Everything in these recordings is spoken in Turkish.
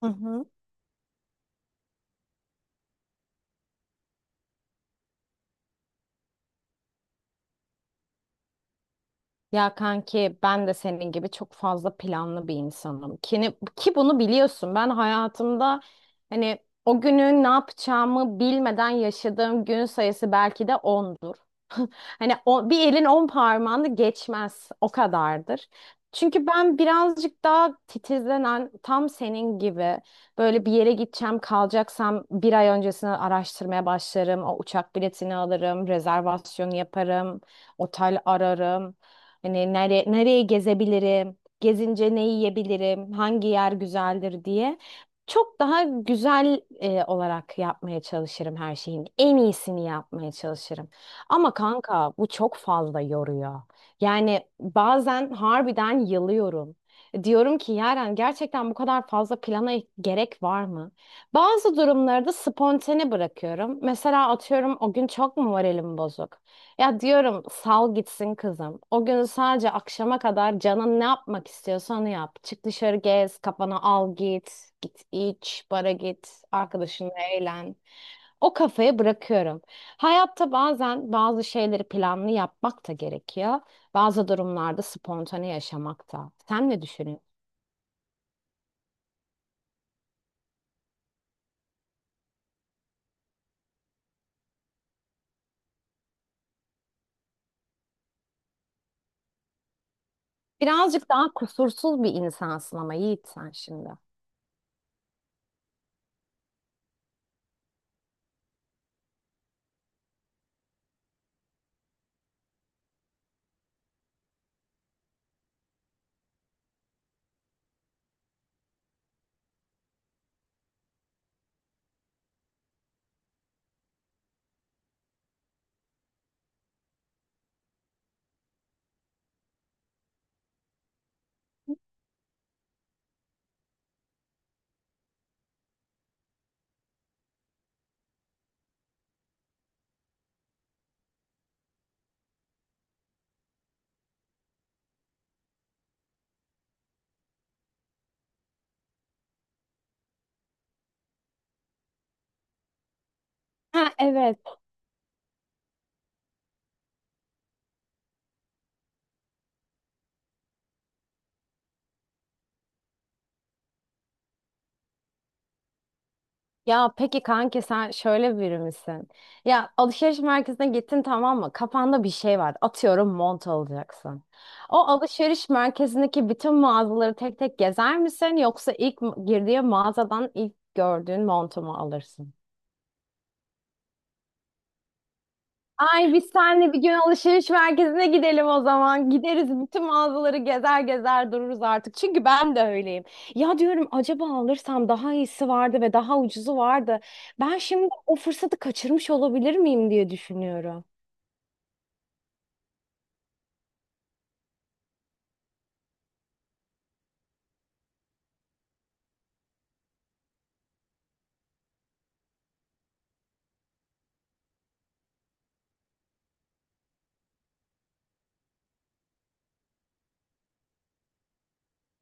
Hı hı. Ya kanki ben de senin gibi çok fazla planlı bir insanım. Ki bunu biliyorsun. Ben hayatımda hani o günü ne yapacağımı bilmeden yaşadığım gün sayısı belki de ondur. Hani o, bir elin 10 parmağını geçmez o kadardır. Çünkü ben birazcık daha titizlenen tam senin gibi böyle bir yere gideceğim kalacaksam bir ay öncesini araştırmaya başlarım. O uçak biletini alırım, rezervasyonu yaparım, otel ararım. Hani nereye gezebilirim, gezince ne yiyebilirim, hangi yer güzeldir diye. Çok daha güzel olarak yapmaya çalışırım her şeyin. En iyisini yapmaya çalışırım. Ama kanka bu çok fazla yoruyor. Yani bazen harbiden yılıyorum. Diyorum ki Yaren, gerçekten bu kadar fazla plana gerek var mı? Bazı durumlarda spontane bırakıyorum. Mesela atıyorum o gün çok mu moralim bozuk? Ya diyorum sal gitsin kızım. O gün sadece akşama kadar canın ne yapmak istiyorsa onu yap. Çık dışarı gez, kafana al git. Git iç, bara git, arkadaşınla eğlen. O kafaya bırakıyorum. Hayatta bazen bazı şeyleri planlı yapmak da gerekiyor. Bazı durumlarda spontane yaşamak da. Sen ne düşünüyorsun? Birazcık daha kusursuz bir insansın ama Yiğit sen şimdi. Ha evet. Ya peki kanki sen şöyle biri misin? Ya alışveriş merkezine gittin, tamam mı? Kafanda bir şey var. Atıyorum mont alacaksın. O alışveriş merkezindeki bütün mağazaları tek tek gezer misin? Yoksa ilk girdiğin mağazadan ilk gördüğün montu mu alırsın? Ay biz seninle bir gün alışveriş merkezine gidelim o zaman. Gideriz, bütün mağazaları gezer gezer dururuz artık. Çünkü ben de öyleyim. Ya diyorum acaba alırsam daha iyisi vardı ve daha ucuzu vardı. Ben şimdi o fırsatı kaçırmış olabilir miyim diye düşünüyorum.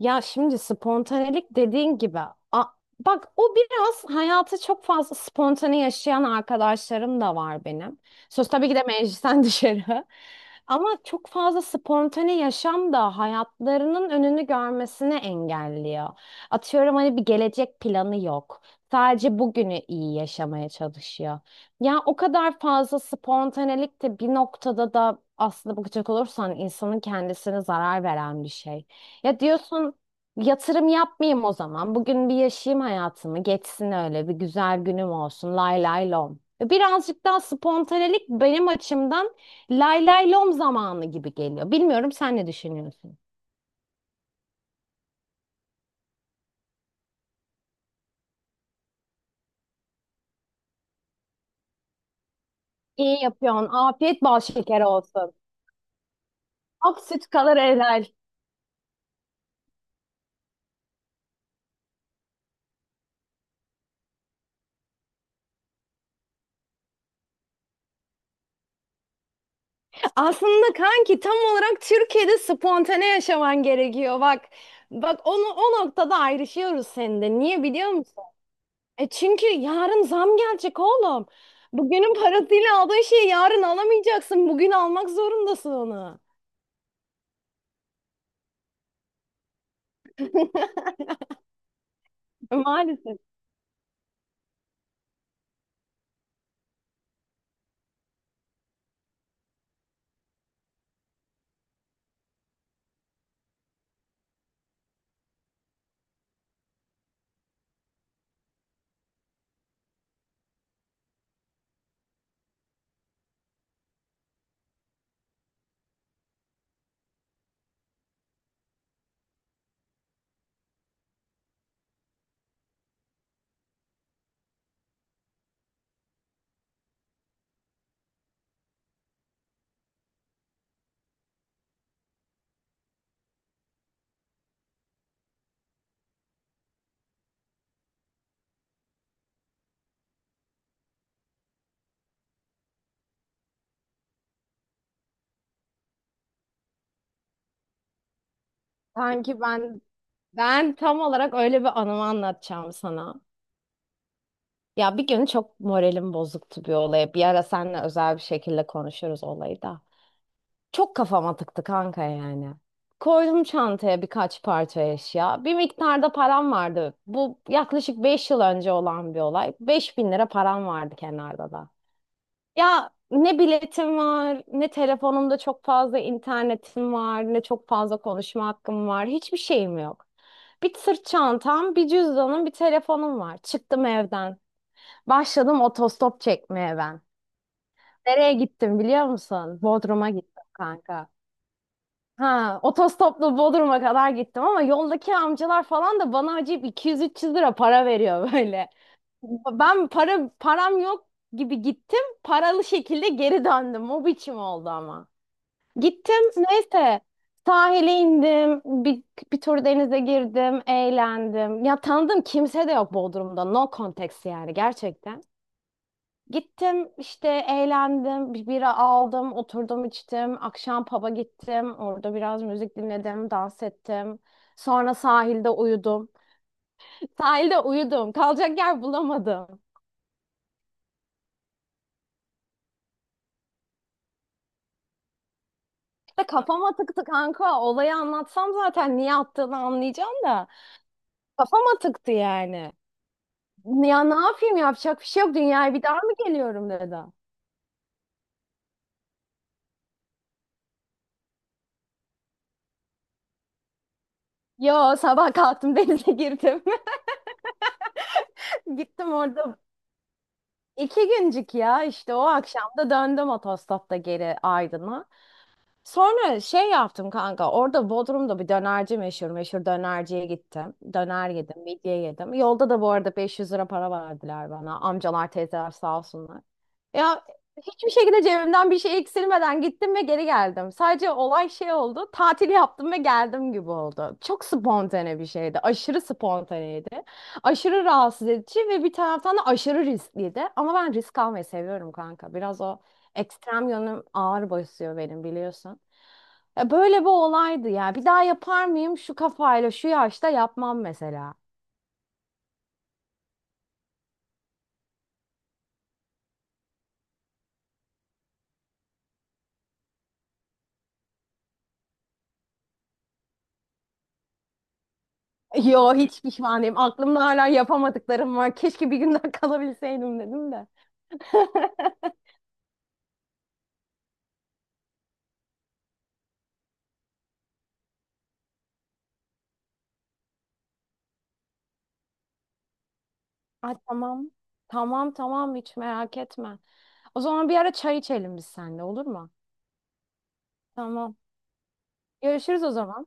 Ya şimdi spontanelik dediğin gibi a- bak, o biraz hayatı çok fazla spontane yaşayan arkadaşlarım da var benim. Söz tabii ki de meclisten dışarı. Ama çok fazla spontane yaşam da hayatlarının önünü görmesini engelliyor. Atıyorum hani bir gelecek planı yok. Sadece bugünü iyi yaşamaya çalışıyor. Ya o kadar fazla spontanelik de bir noktada da aslında bakacak olursan insanın kendisine zarar veren bir şey. Ya diyorsun yatırım yapmayayım o zaman. Bugün bir yaşayayım hayatımı. Geçsin, öyle bir güzel günüm olsun. Lay lay lom. E, birazcık daha spontanelik benim açımdan lay lay lom zamanı gibi geliyor. Bilmiyorum, sen ne düşünüyorsun? İyi yapıyorsun. Afiyet bal şekeri olsun. Ak süt kalır helal. Aslında kanki tam olarak Türkiye'de spontane yaşaman gerekiyor. Bak bak, onu o noktada ayrışıyoruz seninle. Niye biliyor musun? E, çünkü yarın zam gelecek oğlum. Bugünün parasıyla aldığın şeyi yarın alamayacaksın. Bugün almak zorundasın onu. Maalesef. Sanki ben tam olarak öyle bir anımı anlatacağım sana. Ya bir gün çok moralim bozuktu bir olaya. Bir ara seninle özel bir şekilde konuşuruz olayı da. Çok kafama tıktı kanka yani. Koydum çantaya birkaç parça eşya. Bir miktarda param vardı. Bu yaklaşık 5 yıl önce olan bir olay. 5.000 lira param vardı kenarda da. Ya ne biletim var, ne telefonumda çok fazla internetim var, ne çok fazla konuşma hakkım var. Hiçbir şeyim yok. Bir sırt çantam, bir cüzdanım, bir telefonum var. Çıktım evden. Başladım otostop çekmeye ben. Nereye gittim biliyor musun? Bodrum'a gittim kanka. Ha, otostopla Bodrum'a kadar gittim ama yoldaki amcalar falan da bana acayip 200 300 lira para veriyor böyle. Ben param yok gibi gittim. Paralı şekilde geri döndüm. O biçim oldu ama. Gittim neyse sahile indim. Bir tur denize girdim. Eğlendim. Ya tanıdığım kimse de yok Bodrum'da. No context yani gerçekten. Gittim işte eğlendim. Bir bira aldım. Oturdum içtim. Akşam pub'a gittim. Orada biraz müzik dinledim. Dans ettim. Sonra sahilde uyudum. Sahilde uyudum. Kalacak yer bulamadım. De kafama tıktı kanka. Olayı anlatsam zaten niye attığını anlayacağım da. Kafama tıktı yani. Ya ne yapayım, yapacak bir şey yok. Dünyaya bir daha mı geliyorum dedi. Yo, sabah kalktım, denize girdim. Gittim orada. İki güncük, ya işte o akşam da döndüm otostopta geri Aydın'a. Sonra şey yaptım kanka. Orada Bodrum'da bir dönerci meşhur. Meşhur dönerciye gittim. Döner yedim, midye yedim. Yolda da bu arada 500 lira para verdiler bana. Amcalar, teyzeler sağ olsunlar. Ya hiçbir şekilde cebimden bir şey eksilmeden gittim ve geri geldim. Sadece olay şey oldu. Tatil yaptım ve geldim gibi oldu. Çok spontane bir şeydi. Aşırı spontaneydi. Aşırı rahatsız edici ve bir taraftan da aşırı riskliydi. Ama ben risk almayı seviyorum kanka. Biraz o ekstrem yönüm ağır basıyor benim, biliyorsun. Ya böyle bir olaydı ya. Bir daha yapar mıyım şu kafayla şu yaşta yapmam mesela. Yo, hiç pişman değilim. Aklımda hala yapamadıklarım var. Keşke bir gün daha kalabilseydim dedim de. Ay tamam. Tamam tamam hiç merak etme. O zaman bir ara çay içelim biz seninle, olur mu? Tamam. Görüşürüz o zaman.